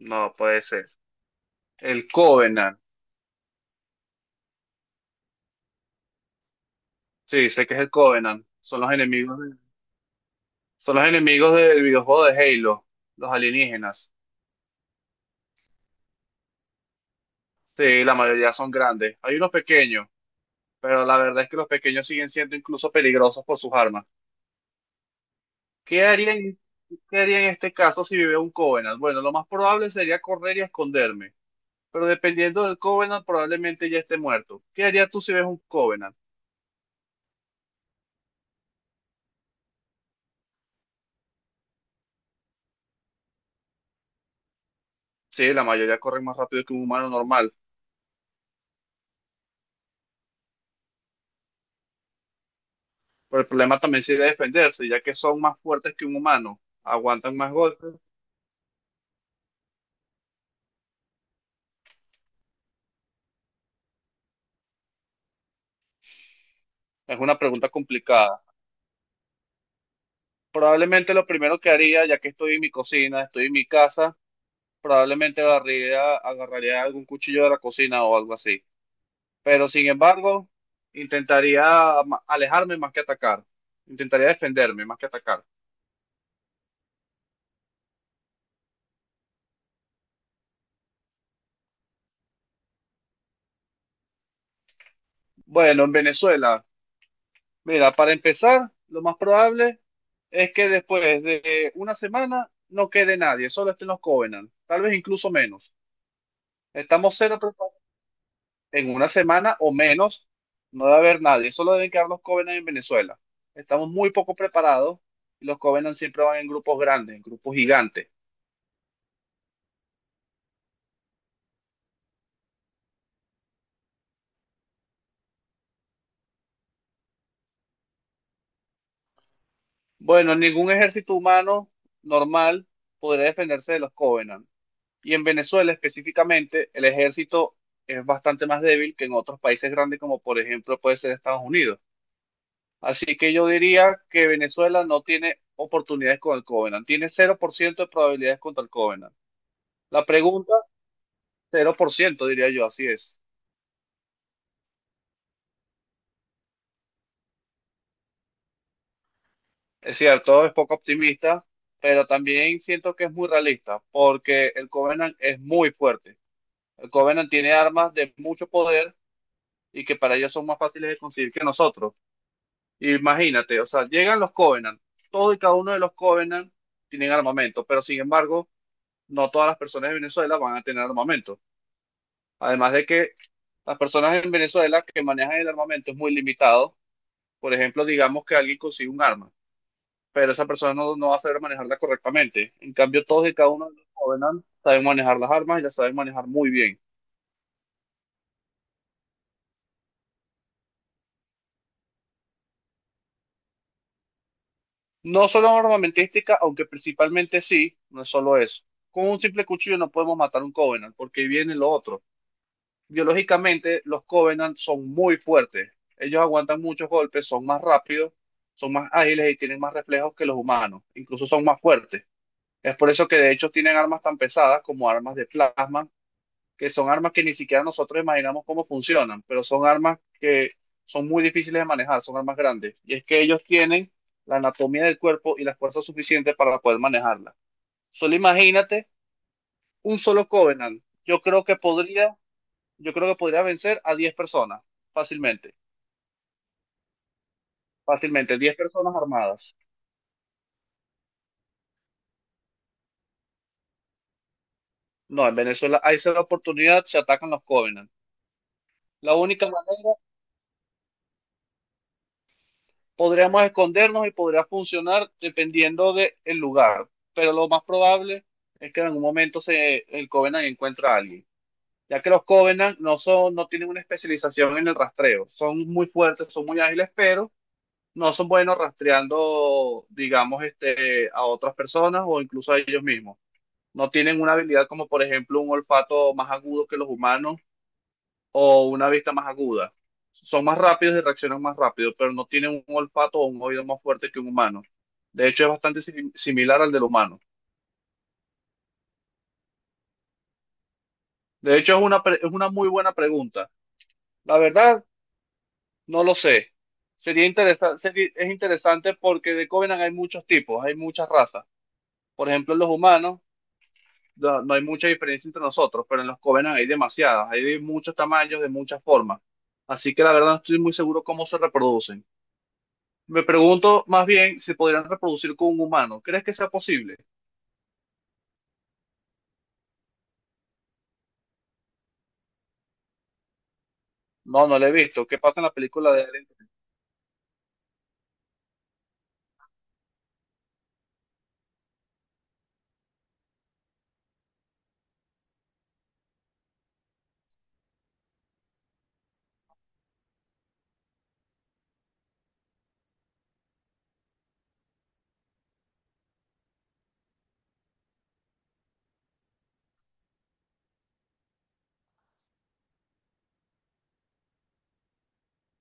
No puede ser. El Covenant. Sí, sé que es el Covenant. Son los son los enemigos del videojuego de Halo, los alienígenas. Sí, la mayoría son grandes. Hay unos pequeños, pero la verdad es que los pequeños siguen siendo incluso peligrosos por sus armas. ¿Qué haría en, ¿qué haría en este caso si vive un Covenant? Bueno, lo más probable sería correr y esconderme, pero dependiendo del Covenant probablemente ya esté muerto. ¿Qué harías tú si ves un Covenant? Sí, la mayoría corren más rápido que un humano normal. Pero el problema también sería defenderse, ya que son más fuertes que un humano, aguantan más golpes. Es una pregunta complicada. Probablemente lo primero que haría, ya que estoy en mi cocina, estoy en mi casa, probablemente agarraría algún cuchillo de la cocina o algo así. Pero sin embargo, intentaría alejarme más que atacar. Intentaría defenderme más que atacar. Bueno, en Venezuela, mira, para empezar, lo más probable es que después de una semana no quede nadie, solo estén los Covenant, tal vez incluso menos. Estamos cero preparados. En una semana o menos no debe haber nadie, solo deben quedar los Covenant en Venezuela. Estamos muy poco preparados y los Covenant siempre van en grupos grandes, en grupos gigantes. Bueno, ningún ejército humano normal podría defenderse de los Covenant. Y en Venezuela específicamente, el ejército es bastante más débil que en otros países grandes como por ejemplo puede ser Estados Unidos. Así que yo diría que Venezuela no tiene oportunidades con el Covenant, tiene 0% de probabilidades contra el Covenant. La pregunta, 0% diría yo, así es. Es cierto, es poco optimista, pero también siento que es muy realista porque el Covenant es muy fuerte. El Covenant tiene armas de mucho poder y que para ellos son más fáciles de conseguir que nosotros. Imagínate, o sea, llegan los Covenant, todos y cada uno de los Covenant tienen armamento, pero sin embargo, no todas las personas de Venezuela van a tener armamento. Además de que las personas en Venezuela que manejan el armamento es muy limitado. Por ejemplo, digamos que alguien consigue un arma, pero esa persona no va a saber manejarla correctamente. En cambio, todos y cada uno de los Covenant saben manejar las armas y las saben manejar muy bien. No solo armamentística, aunque principalmente sí, no es solo eso. Con un simple cuchillo no podemos matar un Covenant, porque ahí viene lo otro, biológicamente los Covenant son muy fuertes. Ellos aguantan muchos golpes, son más rápidos, son más ágiles y tienen más reflejos que los humanos. Incluso son más fuertes. Es por eso que de hecho tienen armas tan pesadas como armas de plasma, que son armas que ni siquiera nosotros imaginamos cómo funcionan, pero son armas que son muy difíciles de manejar, son armas grandes. Y es que ellos tienen la anatomía del cuerpo y la fuerza suficiente para poder manejarla. Solo imagínate un solo Covenant. Yo creo que podría vencer a 10 personas, fácilmente, fácilmente, 10 personas armadas. No, en Venezuela hay esa oportunidad, se atacan los Covenant. La única manera, podríamos escondernos y podría funcionar dependiendo del lugar, pero lo más probable es que en algún momento el Covenant encuentra a alguien, ya que los Covenant no tienen una especialización en el rastreo, son muy fuertes, son muy ágiles, pero no son buenos rastreando, digamos, a otras personas o incluso a ellos mismos. No tienen una habilidad como por ejemplo un olfato más agudo que los humanos o una vista más aguda. Son más rápidos y reaccionan más rápido, pero no tienen un olfato o un oído más fuerte que un humano. De hecho, es bastante similar al del humano. De hecho, es una muy buena pregunta. La verdad, no lo sé. Sería interesante, es interesante porque de Covenant hay muchos tipos, hay muchas razas. Por ejemplo, los humanos no hay mucha diferencia entre nosotros, pero en los Covenant hay demasiadas, hay de muchos tamaños, de muchas formas. Así que la verdad no estoy muy seguro cómo se reproducen. Me pregunto más bien si podrían reproducir con un humano. ¿Crees que sea posible? No, no lo he visto. ¿Qué pasa en la película de Alien?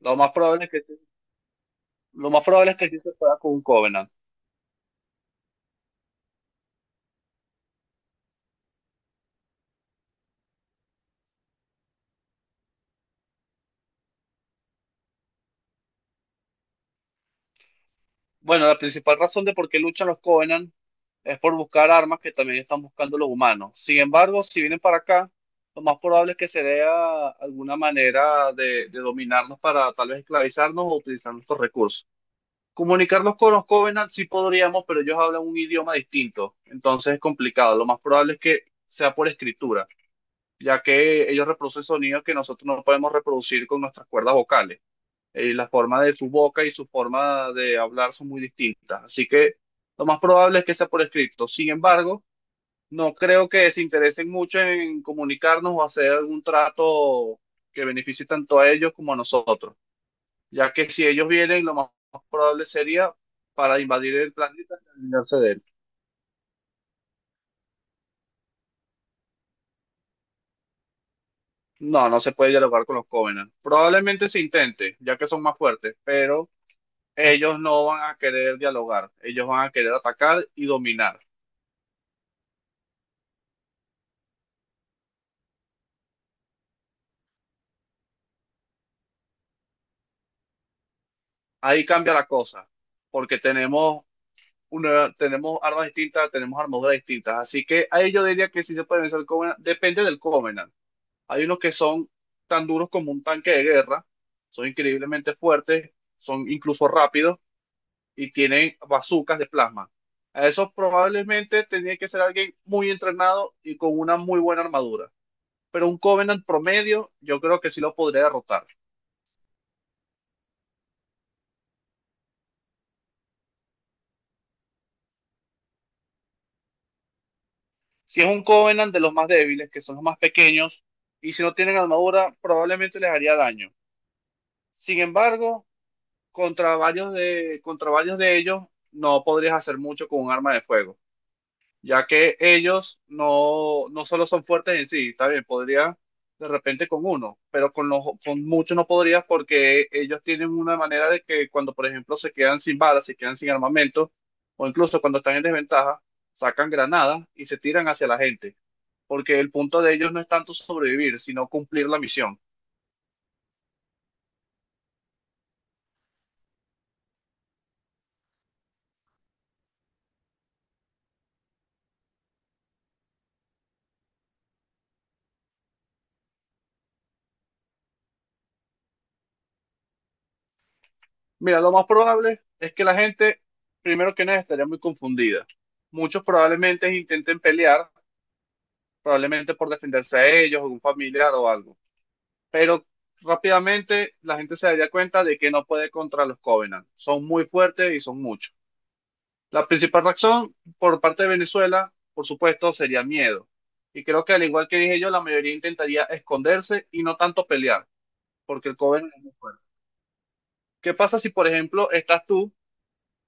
Lo más probable es que, lo más probable es que sí se pueda con un Covenant. Bueno, la principal razón de por qué luchan los Covenant es por buscar armas que también están buscando los humanos. Sin embargo, si vienen para acá, lo más probable es que se vea alguna manera de dominarnos para tal vez esclavizarnos o utilizar nuestros recursos. Comunicarnos con los Covenant sí podríamos, pero ellos hablan un idioma distinto, entonces es complicado. Lo más probable es que sea por escritura, ya que ellos reproducen sonidos que nosotros no podemos reproducir con nuestras cuerdas vocales, la forma de su boca y su forma de hablar son muy distintas. Así que lo más probable es que sea por escrito. Sin embargo, no creo que se interesen mucho en comunicarnos o hacer algún trato que beneficie tanto a ellos como a nosotros, ya que si ellos vienen, lo más probable sería para invadir el planeta y alinearse de él. No, no se puede dialogar con los Covenant. Probablemente se intente, ya que son más fuertes, pero ellos no van a querer dialogar, ellos van a querer atacar y dominar. Ahí cambia la cosa, porque tenemos tenemos armas distintas, tenemos armaduras distintas. Así que ahí yo diría que sí se puede vencer el Covenant, depende del Covenant. Hay unos que son tan duros como un tanque de guerra, son increíblemente fuertes, son incluso rápidos y tienen bazucas de plasma. A esos probablemente tenía que ser alguien muy entrenado y con una muy buena armadura. Pero un Covenant promedio, yo creo que sí lo podría derrotar. Si es un Covenant de los más débiles, que son los más pequeños, y si no tienen armadura, probablemente les haría daño. Sin embargo, contra varios de ellos, no podrías hacer mucho con un arma de fuego, ya que ellos no solo son fuertes en sí, está bien, podría de repente con uno, pero con muchos no podrías porque ellos tienen una manera de que cuando, por ejemplo, se quedan sin balas, se quedan sin armamento, o incluso cuando están en desventaja, sacan granadas y se tiran hacia la gente porque el punto de ellos no es tanto sobrevivir, sino cumplir la misión. Mira, lo más probable es que la gente, primero que nada, estaría muy confundida. Muchos probablemente intenten pelear, probablemente por defenderse a ellos o un familiar o algo, pero rápidamente la gente se daría cuenta de que no puede contra los Covenant. Son muy fuertes y son muchos. La principal razón por parte de Venezuela, por supuesto, sería miedo. Y creo que al igual que dije yo, la mayoría intentaría esconderse y no tanto pelear, porque el Covenant es muy fuerte. ¿Qué pasa si, por ejemplo, estás tú,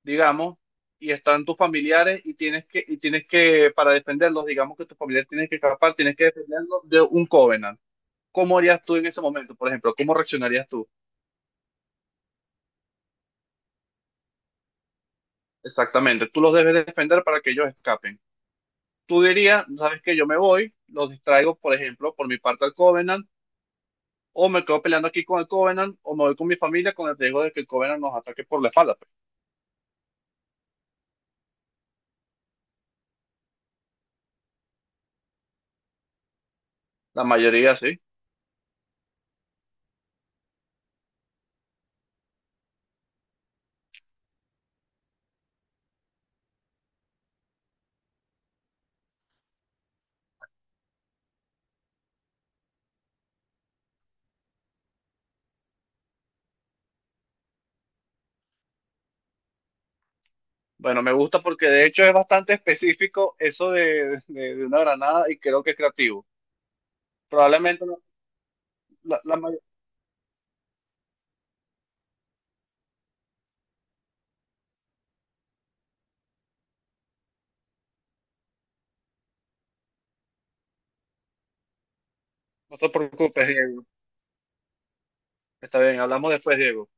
digamos, y están tus familiares y tienes que, para defenderlos, digamos que tus familiares tienen que escapar, tienes que defenderlos de un Covenant? ¿Cómo harías tú en ese momento, por ejemplo? ¿Cómo reaccionarías tú? Exactamente, tú los debes defender para que ellos escapen. Tú dirías, sabes que yo me voy, los distraigo, por ejemplo, por mi parte al Covenant, o me quedo peleando aquí con el Covenant, o me voy con mi familia con el riesgo de que el Covenant nos ataque por la espalda, pues. La mayoría sí. Bueno, me gusta porque de hecho es bastante específico eso de una granada y creo que es creativo. Probablemente no, la, la may- no te preocupes, Diego. Está bien, hablamos después, Diego.